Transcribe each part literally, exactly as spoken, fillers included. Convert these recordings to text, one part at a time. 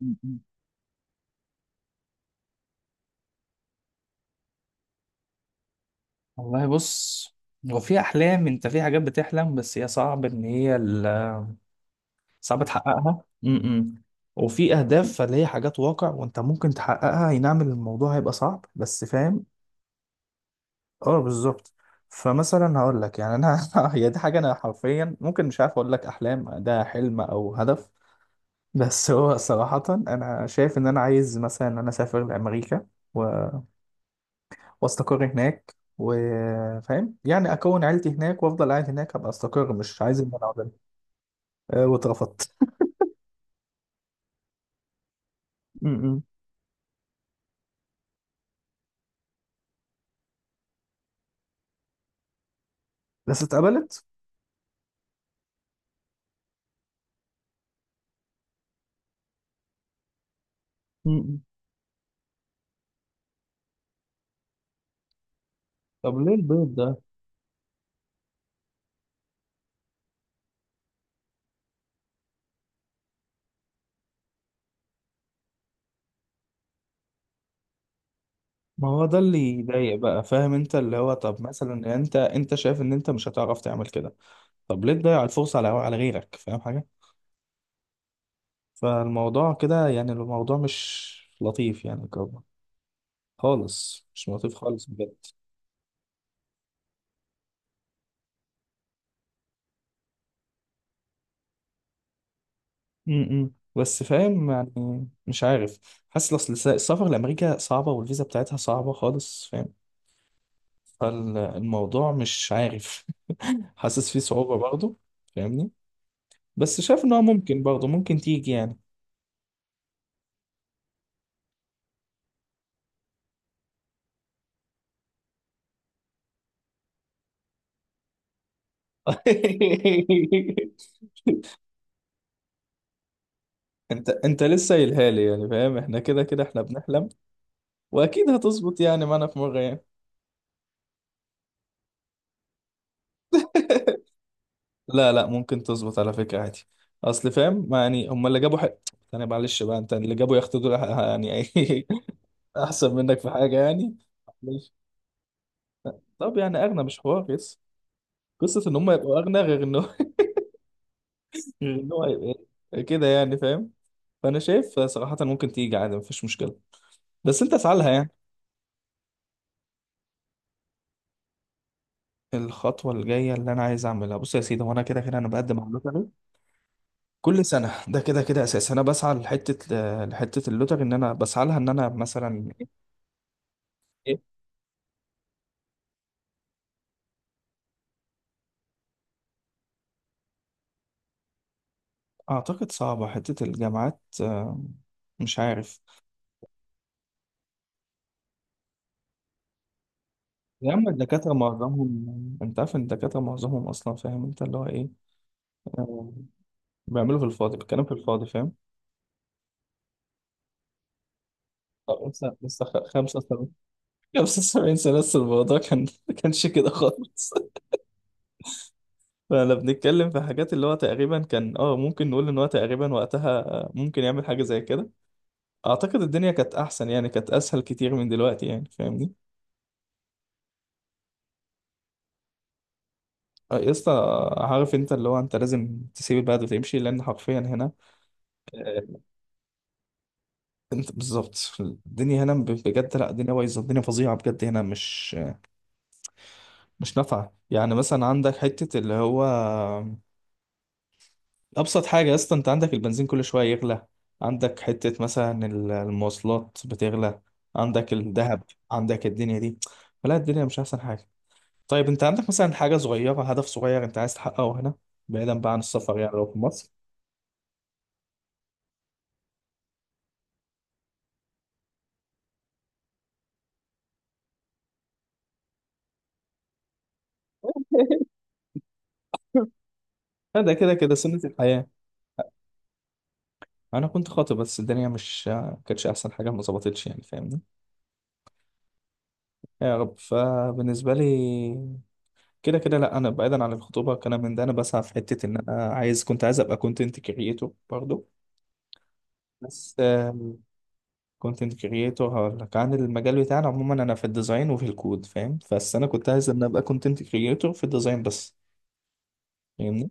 م-م. والله بص، هو في احلام، انت في حاجات بتحلم بس هي صعب ان هي ال- صعب تحققها. م-م. وفي اهداف، فاللي هي حاجات واقع وانت ممكن تحققها. اي نعم، الموضوع هيبقى صعب بس فاهم. اه، بالظبط. فمثلا هقول لك، يعني انا هي دي حاجه انا حرفيا ممكن مش عارف اقول لك، احلام ده حلم او هدف. بس هو صراحه انا شايف ان انا عايز مثلا ان انا اسافر لامريكا واستقر هناك، وفاهم يعني اكون عيلتي هناك وافضل قاعد هناك ابقى استقر، مش عايز ان انا اقعد. أه، واترفضت. م- بس اتقبلت. م- م. طب ليه البيض ده؟ ما هو ده اللي يضايق بقى، فاهم؟ انت اللي هو، طب مثلا انت انت شايف ان انت مش هتعرف تعمل كده. طب ليه تضيع الفرصة على على غيرك؟ فاهم حاجة؟ فالموضوع كده يعني، الموضوع مش لطيف يعني كده، خالص مش لطيف خالص بجد. م- م. بس فاهم، يعني مش عارف، حاسس، اصل الس- السفر لامريكا صعبه، والفيزا بتاعتها صعبه خالص، فاهم؟ فالموضوع مش عارف حاسس فيه صعوبه برضه، فاهمني؟ بس شايف ان هو ممكن برضه، ممكن تيجي يعني. انت انت لسه قايلها لي يعني، فاهم؟ احنا كده كده احنا بنحلم، واكيد هتظبط يعني معانا في مره يعني. لا لا، ممكن تظبط على فكرة عادي، اصل فاهم، ما يعني هم اللي جابوا حق. انا معلش بقى، انت اللي جابوا، ياخدوا دول ه- يعني. احسن منك في حاجه يعني. معلش. طب يعني اغنى مش حوار، بس قصه ان هم يبقوا اغنى غير ان هو غير ان هو يبقى إيه، كده يعني، فاهم؟ فانا شايف صراحه ممكن تيجي عادي مفيش مشكله، بس انت اسعى لها يعني. الخطوه الجايه اللي انا عايز اعملها، بص يا سيدي، وانا كده كده انا بقدم على اللوتري كل سنه. ده كده كده اساس انا بسعى لحته، لحته اللوتري، ان انا بسعى لها ان انا مثلا. إيه؟ اعتقد صعبه حته الجامعات، آه، مش عارف. يا عم الدكاترة معظمهم، انت عارف ان الدكاترة معظمهم اصلا، فاهم انت اللي هو ايه، آه، بيعملوا في الفاضي، بيتكلم في الفاضي، فاهم؟ طب لسه لسه خ- خمسة وسبعين، خمسة وسبعين سنة لسه الموضوع كان ما كانش كده خالص. فانا بنتكلم في حاجات اللي هو تقريبا كان، اه ممكن نقول ان هو تقريبا وقتها، آه، ممكن يعمل حاجة زي كده. اعتقد الدنيا كانت احسن يعني، كانت اسهل كتير من دلوقتي يعني، فاهمني؟ آه، يا اسطى، عارف انت اللي هو انت لازم تسيب البلد وتمشي، لان حرفيا هنا انت بالظبط الدنيا هنا ب- بجد. لا الدنيا بايظه، الدنيا فظيعه بجد، هنا مش مش نافعه يعني. مثلا عندك حته اللي هو ابسط حاجه يا اسطى، انت عندك البنزين كل شويه يغلى، عندك حته مثلا ال- المواصلات بتغلى، عندك الذهب، عندك الدنيا دي، فلا الدنيا مش احسن حاجه. طيب انت عندك مثلا حاجه صغيره، هدف صغير انت عايز تحققه هنا، بعيدا بقى عن السفر، يعني لو في مصر. لا، ده كده كده سنه الحياه. انا كنت خاطب، بس الدنيا مش كانتش احسن حاجه، ما ظبطتش يعني، فاهم؟ يا رب. فبالنسبة لي كده كده، لا أنا بعيدا عن الخطوبة والكلام من ده، أنا بسعى في حتة، إن أنا عايز، كنت عايز أبقى كونتنت كريتور برضو. بس كونتنت كريتور، هقول لك عن المجال بتاعنا عموما، أنا في الديزاين وفي الكود فاهم، بس أنا كنت عايز إن أبقى كونتنت كريتور في الديزاين بس، فاهمني؟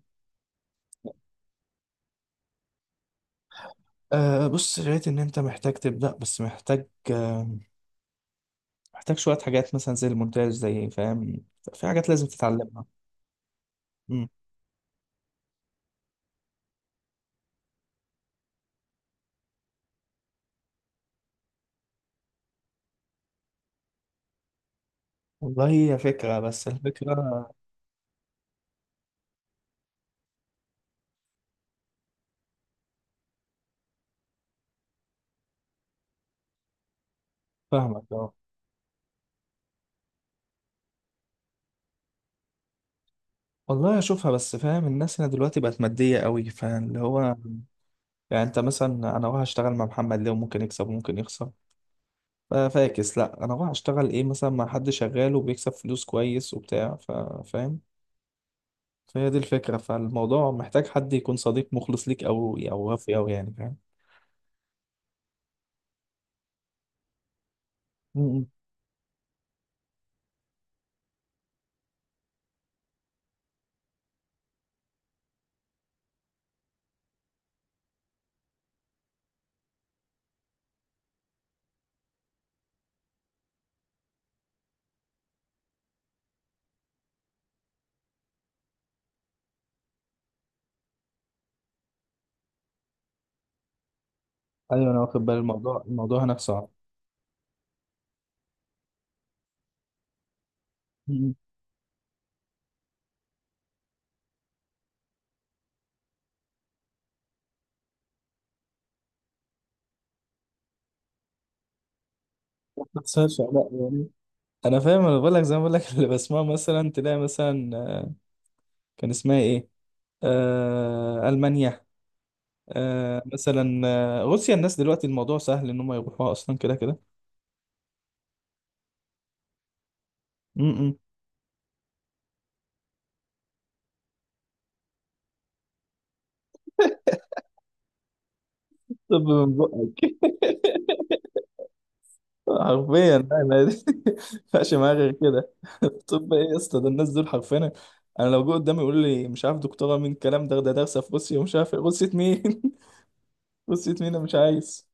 أه بص، لقيت إن أنت محتاج تبدأ، بس محتاج آه، محتاج شوية حاجات مثلا زي المونتاج، زي فاهم، في حاجات لازم تتعلمها. مم. والله هي فكرة، بس الفكرة. فاهمك اه. والله اشوفها، بس فاهم الناس هنا دلوقتي بقت ماديه قوي، فاللي هو يعني انت مثلا، انا رايح اشتغل مع محمد ليه؟ وممكن يكسب وممكن يخسر. ف- فاكس، لا انا رايح اشتغل ايه مثلا مع حد شغال وبيكسب فلوس كويس وبتاع، ف- فاهم؟ فهي دي الفكره، فالموضوع محتاج حد يكون صديق مخلص ليك، او او وفي او يعني، فاهم؟ م- م. ايوه، انا واخد بالي الموضوع، الموضوع هناك صعب. م- م. ما بتحصلش لا يعني. انا فاهم، انا بقول لك زي ما بقول لك اللي بسمعه مثلا، تلاقي مثلا، آه، كان اسمها ايه، آه، المانيا. آه مثلا، آه، روسيا الناس دلوقتي الموضوع سهل ان هم يروحوها اصلا كده كده. م- م. طب من بقك. حرفيا لا، ما ما ينفعش معايا غير كده. طب ايه يا اسطى، ده الناس دول حرفيا. انا لو جه قدامي يقول لي مش عارف دكتوره مين الكلام ده ده دارسه في روسيا ومش عارف إيه. روسيا مين؟ روسيا مين، انا مش عايز.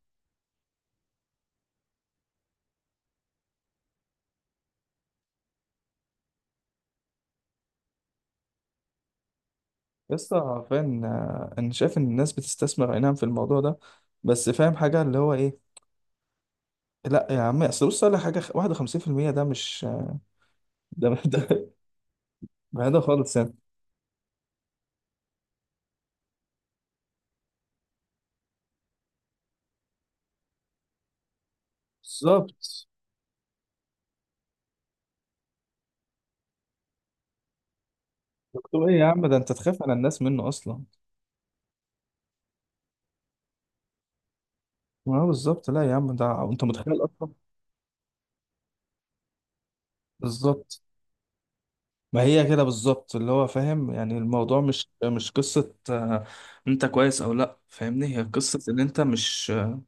يا اسطى حرفيا، آه، انا شايف ان الناس بتستثمر اي نعم في الموضوع ده، بس فاهم حاجه اللي هو ايه. لا يا عم، اصل بص على حاجه واحد وخمسين في المية ده مش ده ده ده خالص يعني. بالظبط. دكتور ايه يا عم؟ ده انت تخاف على الناس منه اصلا. ما هو بالظبط، لا يا عم ده انت متخيل اصلا. بالظبط. ما هي كده بالظبط اللي هو، فاهم يعني؟ الموضوع مش مش قصة، آه، انت كويس او لا، فاهمني؟ هي قصة ان انت مش، آه،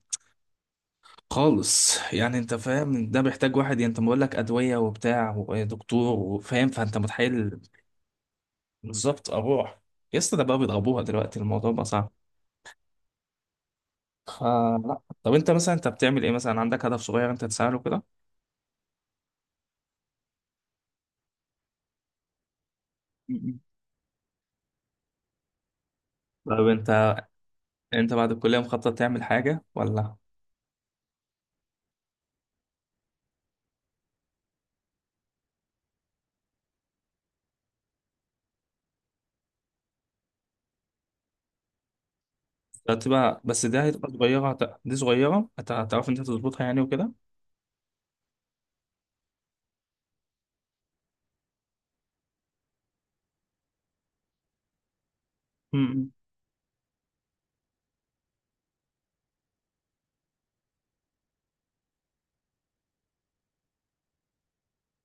خالص يعني. انت فاهم، ده محتاج واحد يعني، انت بقول لك ادوية وبتاع ودكتور وفاهم، فانت متخيل؟ بالظبط. اروح. يا اسطى ده بقى بيضربوها دلوقتي، الموضوع بقى صعب. فلا، طب انت مثلا، انت بتعمل ايه مثلا؟ عندك هدف صغير انت تسعى له كده؟ م- م. طب انت انت بعد الكلية مخطط تعمل حاجة ولا؟ هتبقى بس ده، هتبقى صغيرة، هت- دي صغيرة، هت- هتعرف انت تظبطها يعني وكده. امم.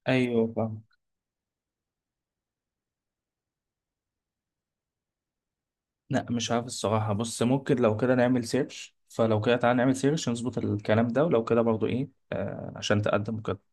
ايوه، فاهم. لا مش عارف الصراحة، بص ممكن لو كده نعمل سيرش، فلو كده تعالى نعمل سيرش نظبط الكلام ده، ولو كده برضو ايه، آه عشان تقدم وكده.